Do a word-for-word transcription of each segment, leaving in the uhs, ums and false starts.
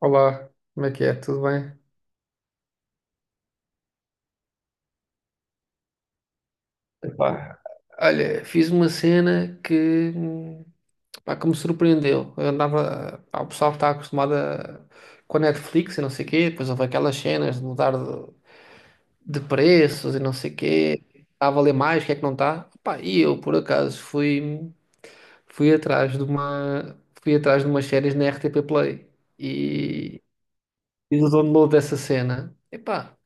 Olá, como é que é? Tudo bem? Epá, olha, fiz uma cena que, hum, pá, que me surpreendeu. Eu andava. Pá, o pessoal está acostumado a- com a Netflix e não sei o quê, depois houve aquelas cenas de mudar de, de preços e não sei o quê. Está a valer mais, o que é que não está? Pá, e eu, por acaso, fui, fui atrás de uma, fui atrás de umas séries na R T P Play e fiz o download dessa cena. Epá.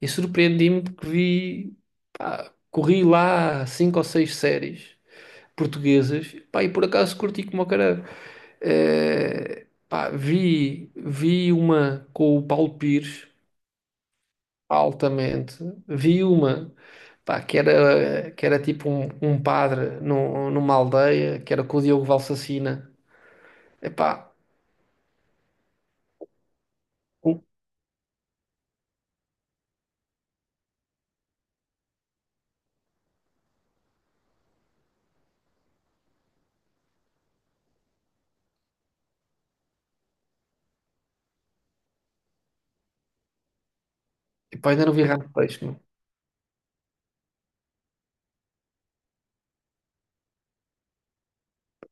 E surpreendi-me porque vi, pá, corri lá cinco ou seis séries portuguesas, pá, e por acaso curti como o caralho. Eh, pá, vi, vi uma com o Paulo Pires, altamente, vi uma, pá, que era, que era tipo um, um padre num- numa aldeia, que era com o Diogo Valsacina. Epá, uh, epá, ainda não vi Ramo de Peixe, meu.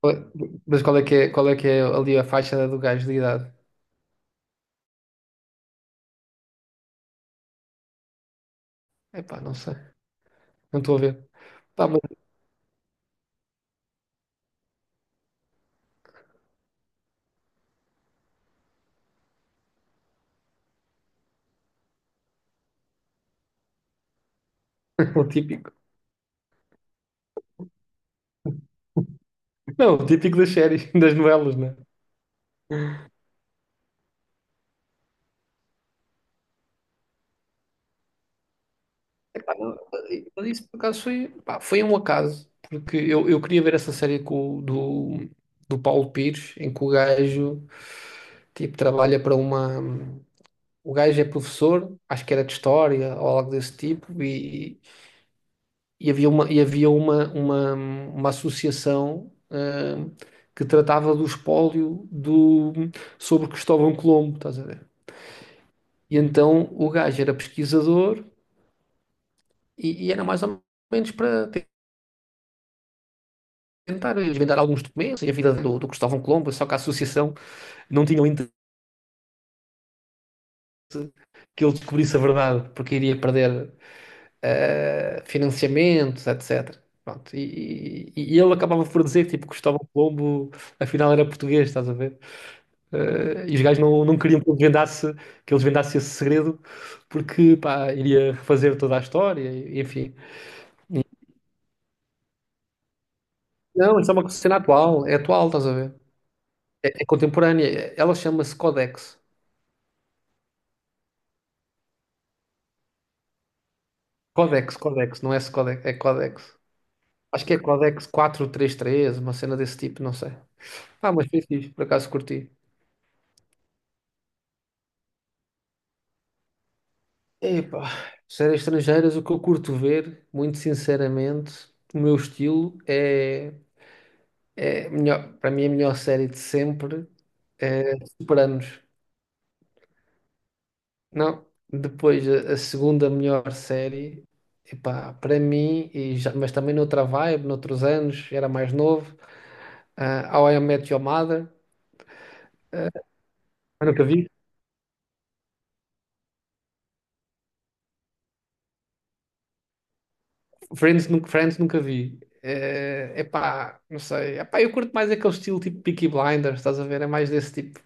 Qual- é, mas qual é que é, qual é que é ali a faixa do gajo de idade? Epá, não sei, não estou a ver. Pá, mas o típico. Não, o típico das séries, das novelas, né? Epá, não, mas isso por acaso foi, pá, foi um acaso, porque eu, eu queria ver essa série com, o- do, do Paulo Pires, em que o gajo tipo, trabalha para uma. O gajo é professor, acho que era de história ou algo desse tipo, e, e havia uma, e havia uma, uma, uma associação hum, que tratava do espólio do, sobre Cristóvão Colombo, estás a ver? E então o gajo era pesquisador. E, e era mais ou menos para te- tentar desvendar alguns documentos e a vida do, do Cristóvão Colombo, só que a associação não tinha o interesse que ele descobrisse a verdade, porque iria perder eh, financiamentos, etcetera. Pronto, e, e- e ele acabava por dizer que tipo, Cristóvão Colombo afinal era português, estás a ver? Eh, e os gajos não, não queriam que ele desvendasse, que ele desvendasse esse segredo, porque pá, iria refazer toda a história, e- enfim. E, não, isso é uma cena atual, é atual, estás a ver? É, é contemporânea, ela chama-se Codex. Codex, Codex, não é esse Codex, é Codex. Acho que é Codex quatrocentos e trinta e três, uma cena desse tipo, não sei. Ah, mas foi fixe, por acaso curti. Epá, séries estrangeiras, o que eu curto ver, muito sinceramente, o meu estilo é, é melhor, para mim é a melhor série de sempre é Sopranos. Não, depois a, a segunda melhor série, epá, para mim, e já- mas também noutra vibe, noutros anos, era mais novo, ah, How I Met Your Mother, eu nunca vi. Friends nunca, Friends nunca vi. É pá, não sei. Epá, eu curto mais aquele estilo tipo Peaky Blinders, estás a ver? É mais desse tipo.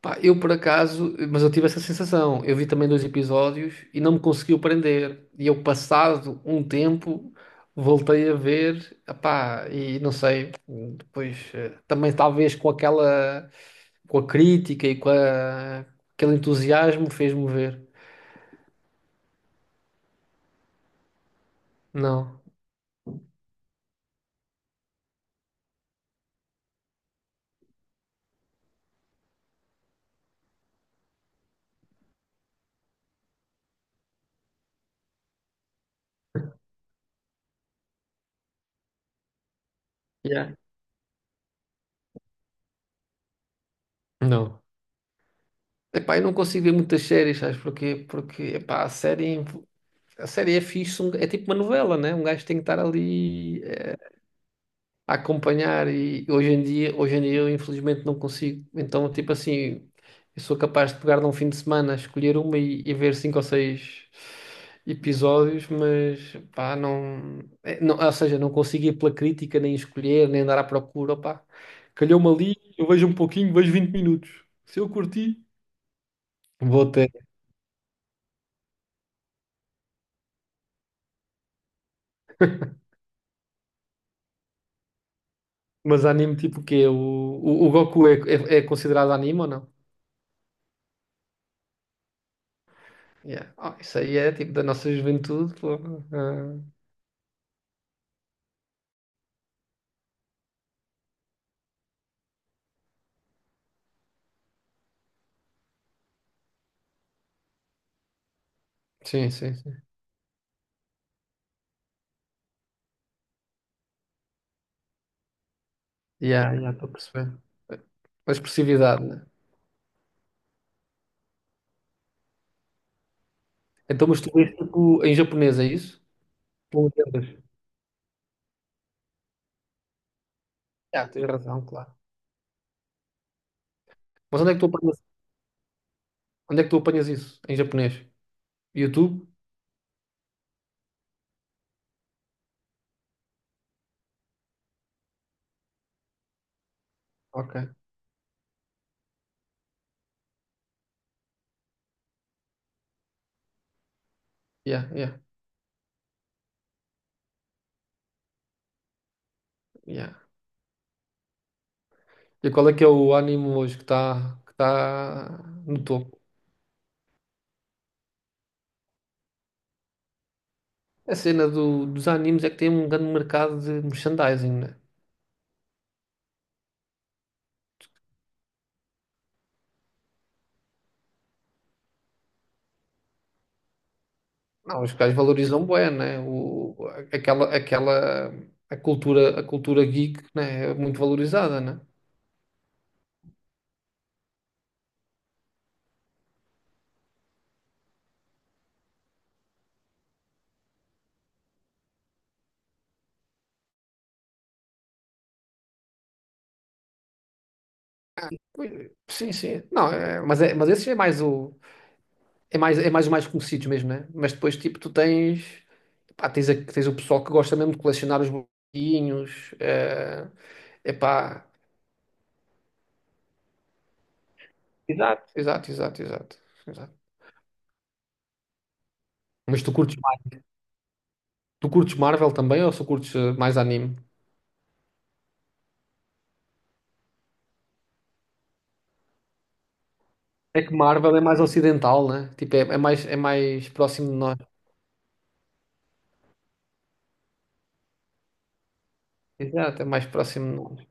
Pá, eu por acaso, mas eu tive essa sensação. Eu vi também dois episódios e não me conseguiu prender. E eu, passado um tempo, voltei a ver, epá, e não sei. Depois, eh, também talvez com aquela, com a crítica e com a- aquele entusiasmo, fez-me ver. Não. Yeah. Não. Epá, eu não consigo ver muitas séries, sabes porquê? Porque, epá, a série, a série é fixe, um- é tipo uma novela, né? Um gajo tem que estar ali eh, a acompanhar e hoje em dia, hoje em dia eu infelizmente não consigo. Então, tipo assim, eu sou capaz de pegar num fim de semana, escolher uma e, e ver cinco ou seis episódios, mas, pá, não, é, não. Ou seja, não consigo ir pela crítica, nem escolher, nem andar à procura, pá. Calhou-me ali, eu vejo um pouquinho, vejo vinte minutos. Se eu curti. Vou até, mas anime tipo o quê? O, o, o Goku é, é, é considerado anime ou não? Yeah. Ah, isso aí é tipo da nossa juventude. Pô. Ah, sim, sim, sim. Yeah, yeah, estou a perceber. A expressividade, né? Então, mas tu vês tipo em japonês, é isso? Não entendes? Yeah, tens razão, claro. Mas onde é que tu apanhas, onde é que tu apanhas isso? Em japonês? YouTube? Ok. Yeah, yeah, yeah. E qual é que é o anime hoje que está que tá no topo? A cena do- dos animes é que tem um grande mercado de merchandising, né? Não, os caras valorizam bué, né? O, aquela, aquela, a cultura, a cultura geek, né? É muito valorizada, né? Pois, sim, sim. Não, é- mas, é, mas esse é mais o, é mais, é mais o mais conhecido mesmo, né? Mas depois, tipo, tu tens, pá, tens, a- tens o pessoal que gosta mesmo de colecionar os bonequinhos, é, epá. Exato. Exato, exato, exato, exato. Mas tu curtes, tu curtes Marvel também ou só curtes eh, mais anime? É que Marvel é mais ocidental, né? Tipo, é, é mais, é mais próximo de nós. Exato, é mais próximo de nós.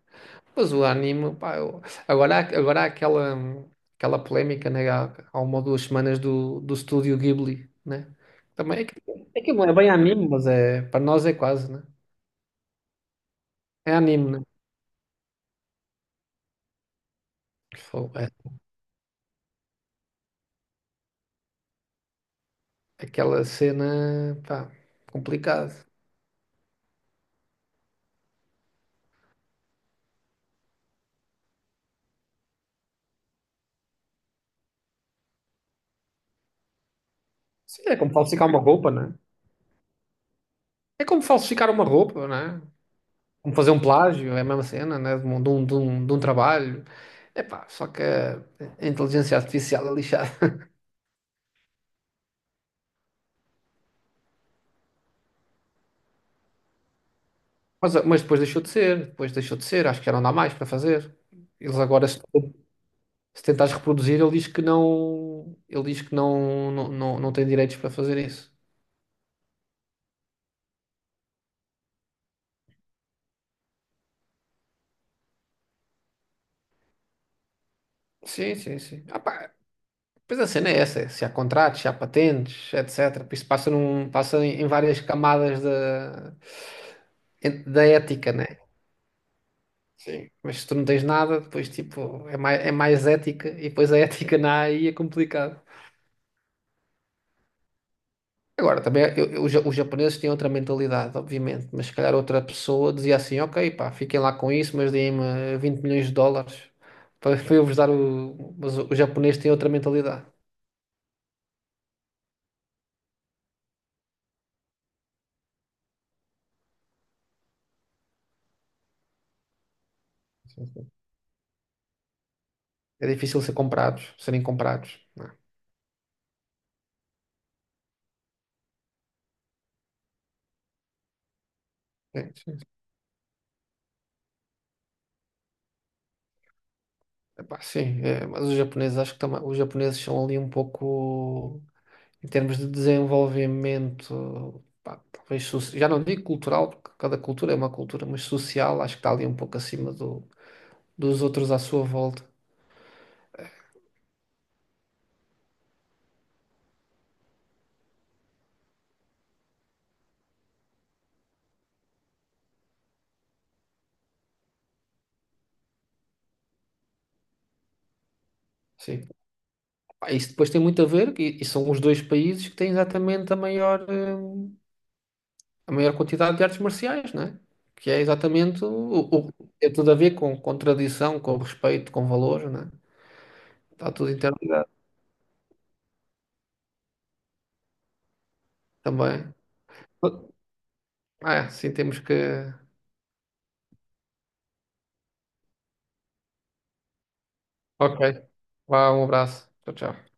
Mas o anime, pá, eu- agora, há- agora há aquela, aquela polémica, né, há, há uma ou duas semanas do, do estúdio Ghibli, né? Também é que, é que não é bem anime, mas é, para nós é quase, né? É anime, né? Fogo, é aquela cena, pá, complicado. Sim, é como falsificar uma roupa, né? É como falsificar uma roupa, né? Como fazer um plágio, é a mesma cena, né? De um, de um, de um de um trabalho. É pá, só que a inteligência artificial é lixada. Mas, mas depois deixou de ser, depois deixou de ser, acho que já não dá mais para fazer. Eles agora, se, se tentares reproduzir, ele diz que não, ele diz que não, não, não, não tem direitos para fazer isso. Sim, sim, sim. Ah, pá, pois a cena é essa, é se há contratos, se há patentes, etcetera. Isso passa, num, passa em em várias camadas da, en- da ética, né? Sim. Mas se tu não tens nada, depois tipo, é mais, é mais ética, e depois a ética na A I é complicado. Agora, também eu- eu- os ja- os japoneses têm outra mentalidade, obviamente, mas se calhar outra pessoa dizia assim: ok, pá, fiquem lá com isso, mas deem-me vinte milhões de dólares milhões de dólares para, para eu vos dar o. Mas os japoneses têm outra mentalidade. Sim, sim. É difícil ser comprados, serem comprados. Não é? É, sim, sim. Epá, sim, é, mas os japoneses acho que também, os japoneses são ali um pouco, em termos de desenvolvimento, pá, talvez, soci- já não digo cultural, porque cada cultura é uma cultura, mas social, acho que está ali um pouco acima do dos outros à sua volta. Sim. Pá, isso depois tem muito a ver, e, e são os dois países que têm exatamente a maior, hum, a maior quantidade de artes marciais, não é? Que é exatamente o, o- tem tudo a ver com, com tradição, com respeito, com valores, não é? Está tudo interligado também. Ah, é, sim, temos que. Ok. Vá, um abraço. Tchau, tchau.